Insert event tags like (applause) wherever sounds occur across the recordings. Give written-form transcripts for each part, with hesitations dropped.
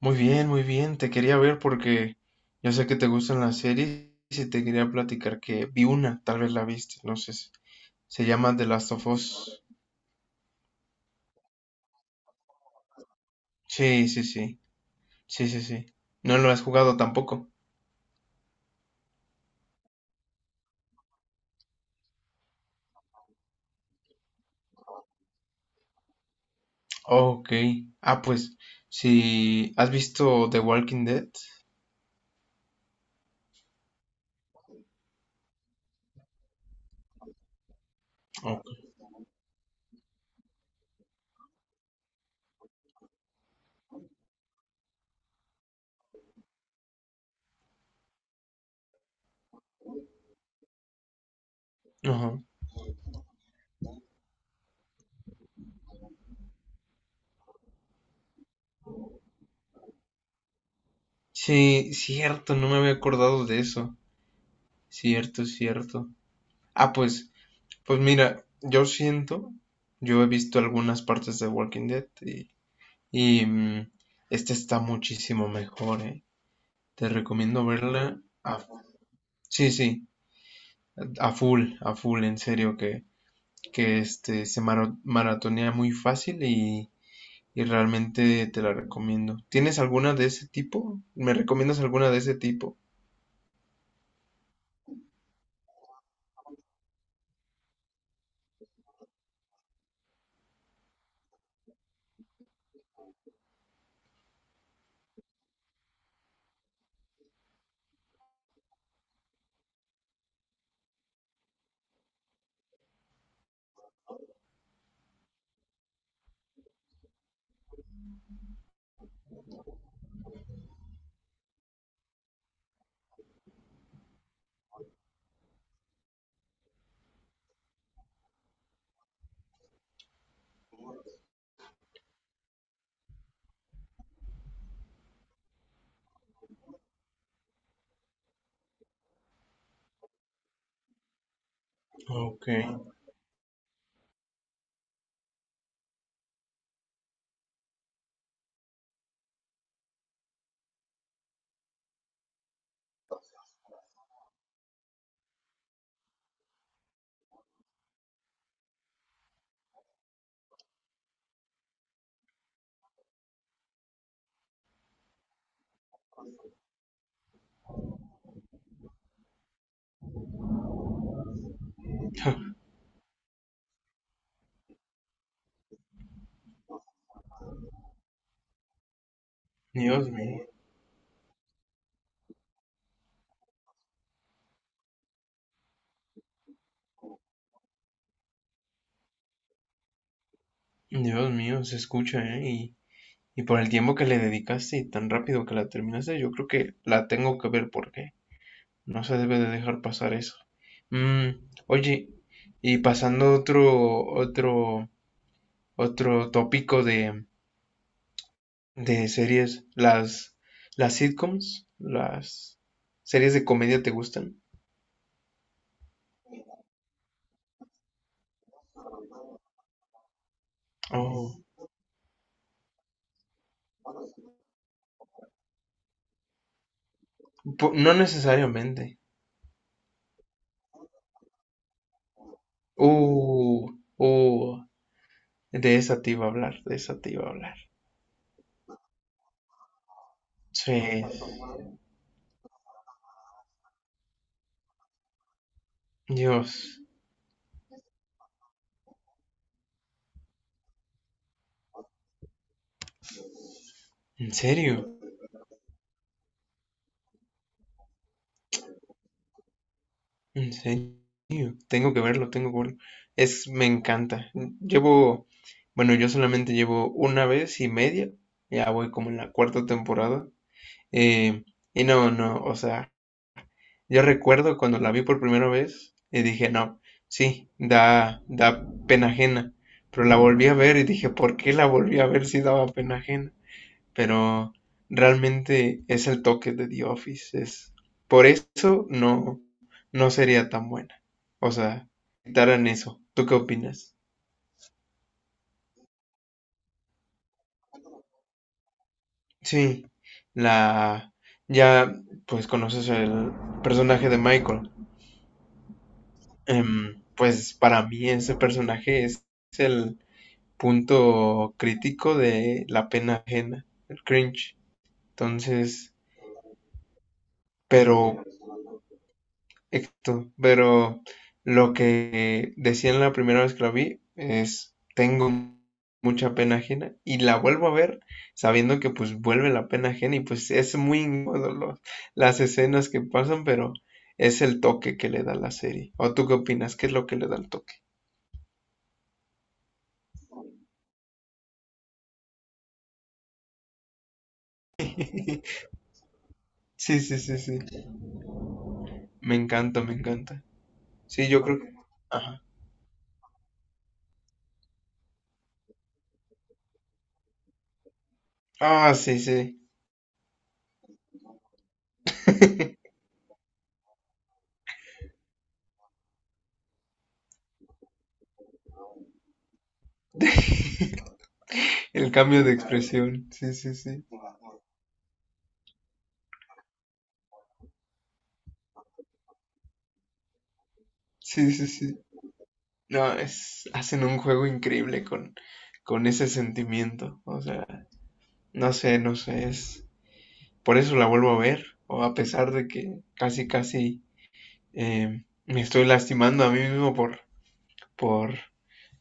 Muy bien, muy bien. Te quería ver porque yo sé que te gustan las series y te quería platicar que vi una, tal vez la viste, no sé. Se llama The Last of Us. Sí, sí, sí. Sí, sí, sí. No lo has jugado tampoco. Ok. Ah, pues, si has visto The Walking Dead. Ok. Ajá. Sí, cierto, no me había acordado de eso. Cierto, cierto. Ah, pues, pues mira, yo siento, yo he visto algunas partes de Walking Dead y Y mm, esta está muchísimo mejor, eh. Te recomiendo verla a, sí, sí, a full, en serio, que este se maratonea muy fácil y realmente te la recomiendo. ¿Tienes alguna de ese tipo? ¿Me recomiendas alguna de ese tipo? Ok. (laughs) Dios mío, Dios mío, se escucha, ¿eh? Y por el tiempo que le dedicaste y tan rápido que la terminaste, yo creo que la tengo que ver porque no se debe de dejar pasar eso. Mm, oye, y pasando otro tópico de series, las sitcoms, las series de comedia te gustan. Oh, no necesariamente. Uh, uh, de esa te iba a hablar, de esa te iba a hablar. Sí, Dios, ¿en serio? ¿En serio? Tengo que verlo, tengo que verlo. Es, me encanta. Llevo, bueno, yo solamente llevo una vez y media. Ya voy como en la cuarta temporada. Eh, y no, no, o sea, yo recuerdo cuando la vi por primera vez y dije, no, sí, da, da pena ajena. Pero la volví a ver y dije, ¿por qué la volví a ver si daba pena ajena? Pero realmente es el toque de The Office. Es, por eso no, no sería tan buena. O sea, quitaran eso. ¿Tú qué opinas? Sí, la... Ya, pues conoces el personaje de Michael. Pues para mí ese personaje es el punto crítico de la pena ajena, el cringe. Entonces, pero exacto, pero lo que decían la primera vez que la vi es, tengo mucha pena ajena y la vuelvo a ver sabiendo que pues vuelve la pena ajena y pues es muy incómodo las escenas que pasan, pero es el toque que le da la serie. ¿O tú qué opinas? ¿Qué es lo que le da el toque? (laughs) Sí, sí, sí, sí. Me encanta, me encanta. Sí, yo creo que... Ajá. Ah, sí, sí. (laughs) El cambio de expresión. Sí, sí, sí. Sí, sí, sí. No, es, hacen un juego increíble con ese sentimiento. O sea, no sé, no sé, es... Por eso la vuelvo a ver, o a pesar de que casi, casi me estoy lastimando a mí mismo por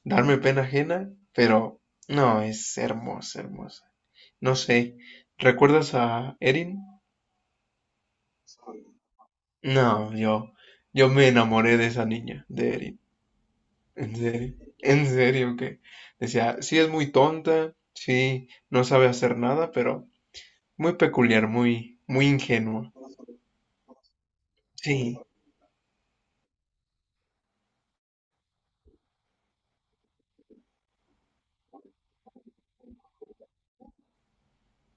darme pena ajena, pero no, es hermosa, hermosa. No sé, ¿recuerdas a Erin? No, yo me enamoré de esa niña, de Erin. En serio, en serio, que decía, sí es muy tonta, sí no sabe hacer nada, pero muy peculiar, muy, muy ingenua. Sí,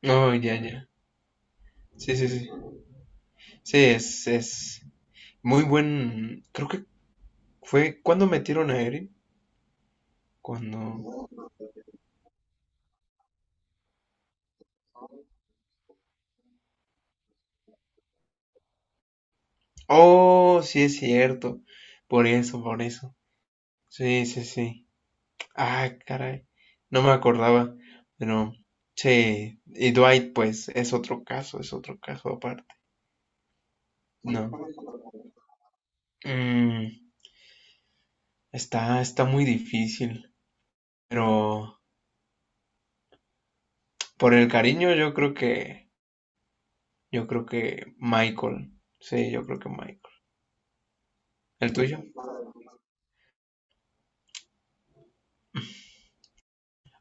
oh, ya, ya. Sí, sí, sí. Sí, es muy buen. Creo que fue cuando metieron a Eren, cuando. Oh, sí es cierto. Por eso, por eso. Sí, sí, sí. Ah, caray. No me acordaba, pero sí. Y Dwight, pues, es otro caso aparte. No. Mm, está, está muy difícil, pero por el cariño yo creo que Michael, sí, yo creo que Michael. ¿El tuyo?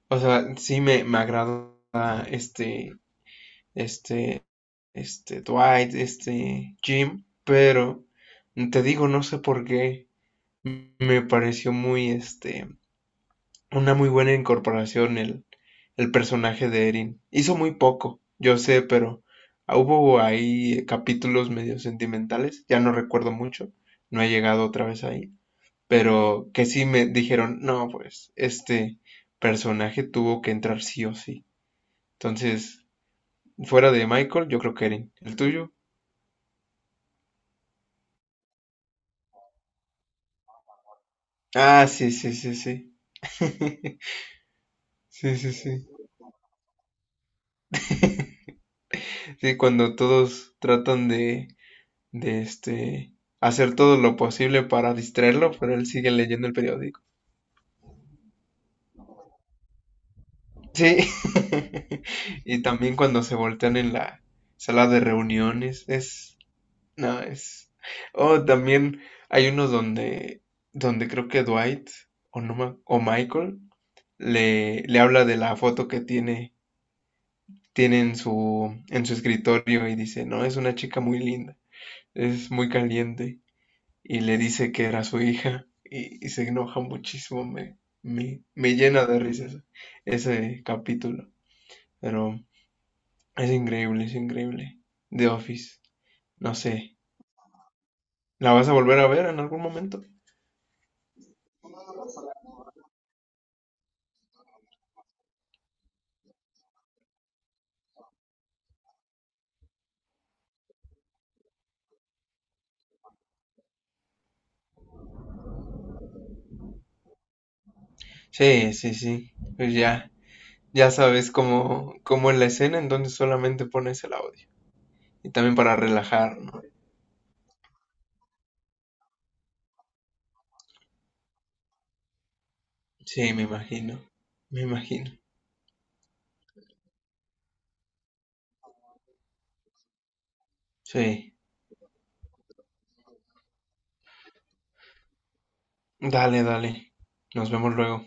O sea, sí me agrada este, este, este Dwight, este Jim, pero te digo, no sé por qué me pareció muy, este, una muy buena incorporación el personaje de Erin. Hizo muy poco, yo sé, pero hubo ahí capítulos medio sentimentales, ya no recuerdo mucho, no he llegado otra vez ahí, pero que sí me dijeron, no, pues este personaje tuvo que entrar sí o sí. Entonces, fuera de Michael, yo creo que Erin. ¿El tuyo? Ah, sí, sí, sí, sí. (laughs) Sí, sí, sí. Sí, cuando todos tratan de este hacer todo lo posible para distraerlo, pero él sigue leyendo el periódico. Sí. (laughs) Y también cuando se voltean en la sala de reuniones, es, no, es, oh, también hay unos donde, donde creo que Dwight o, no, ma- o Michael le, le habla de la foto que tiene, tiene en su escritorio y dice, no, es una chica muy linda, es muy caliente. Y le dice que era su hija y se enoja muchísimo, me llena de risas ese capítulo, pero es increíble, es increíble. The Office, no sé, ¿la vas a volver a ver en algún momento? Sí, sí, sí, pues ya, ya sabes cómo, cómo es la escena, entonces solamente pones el audio y también para relajar, ¿no? Sí, me imagino, sí, dale, dale, nos vemos luego.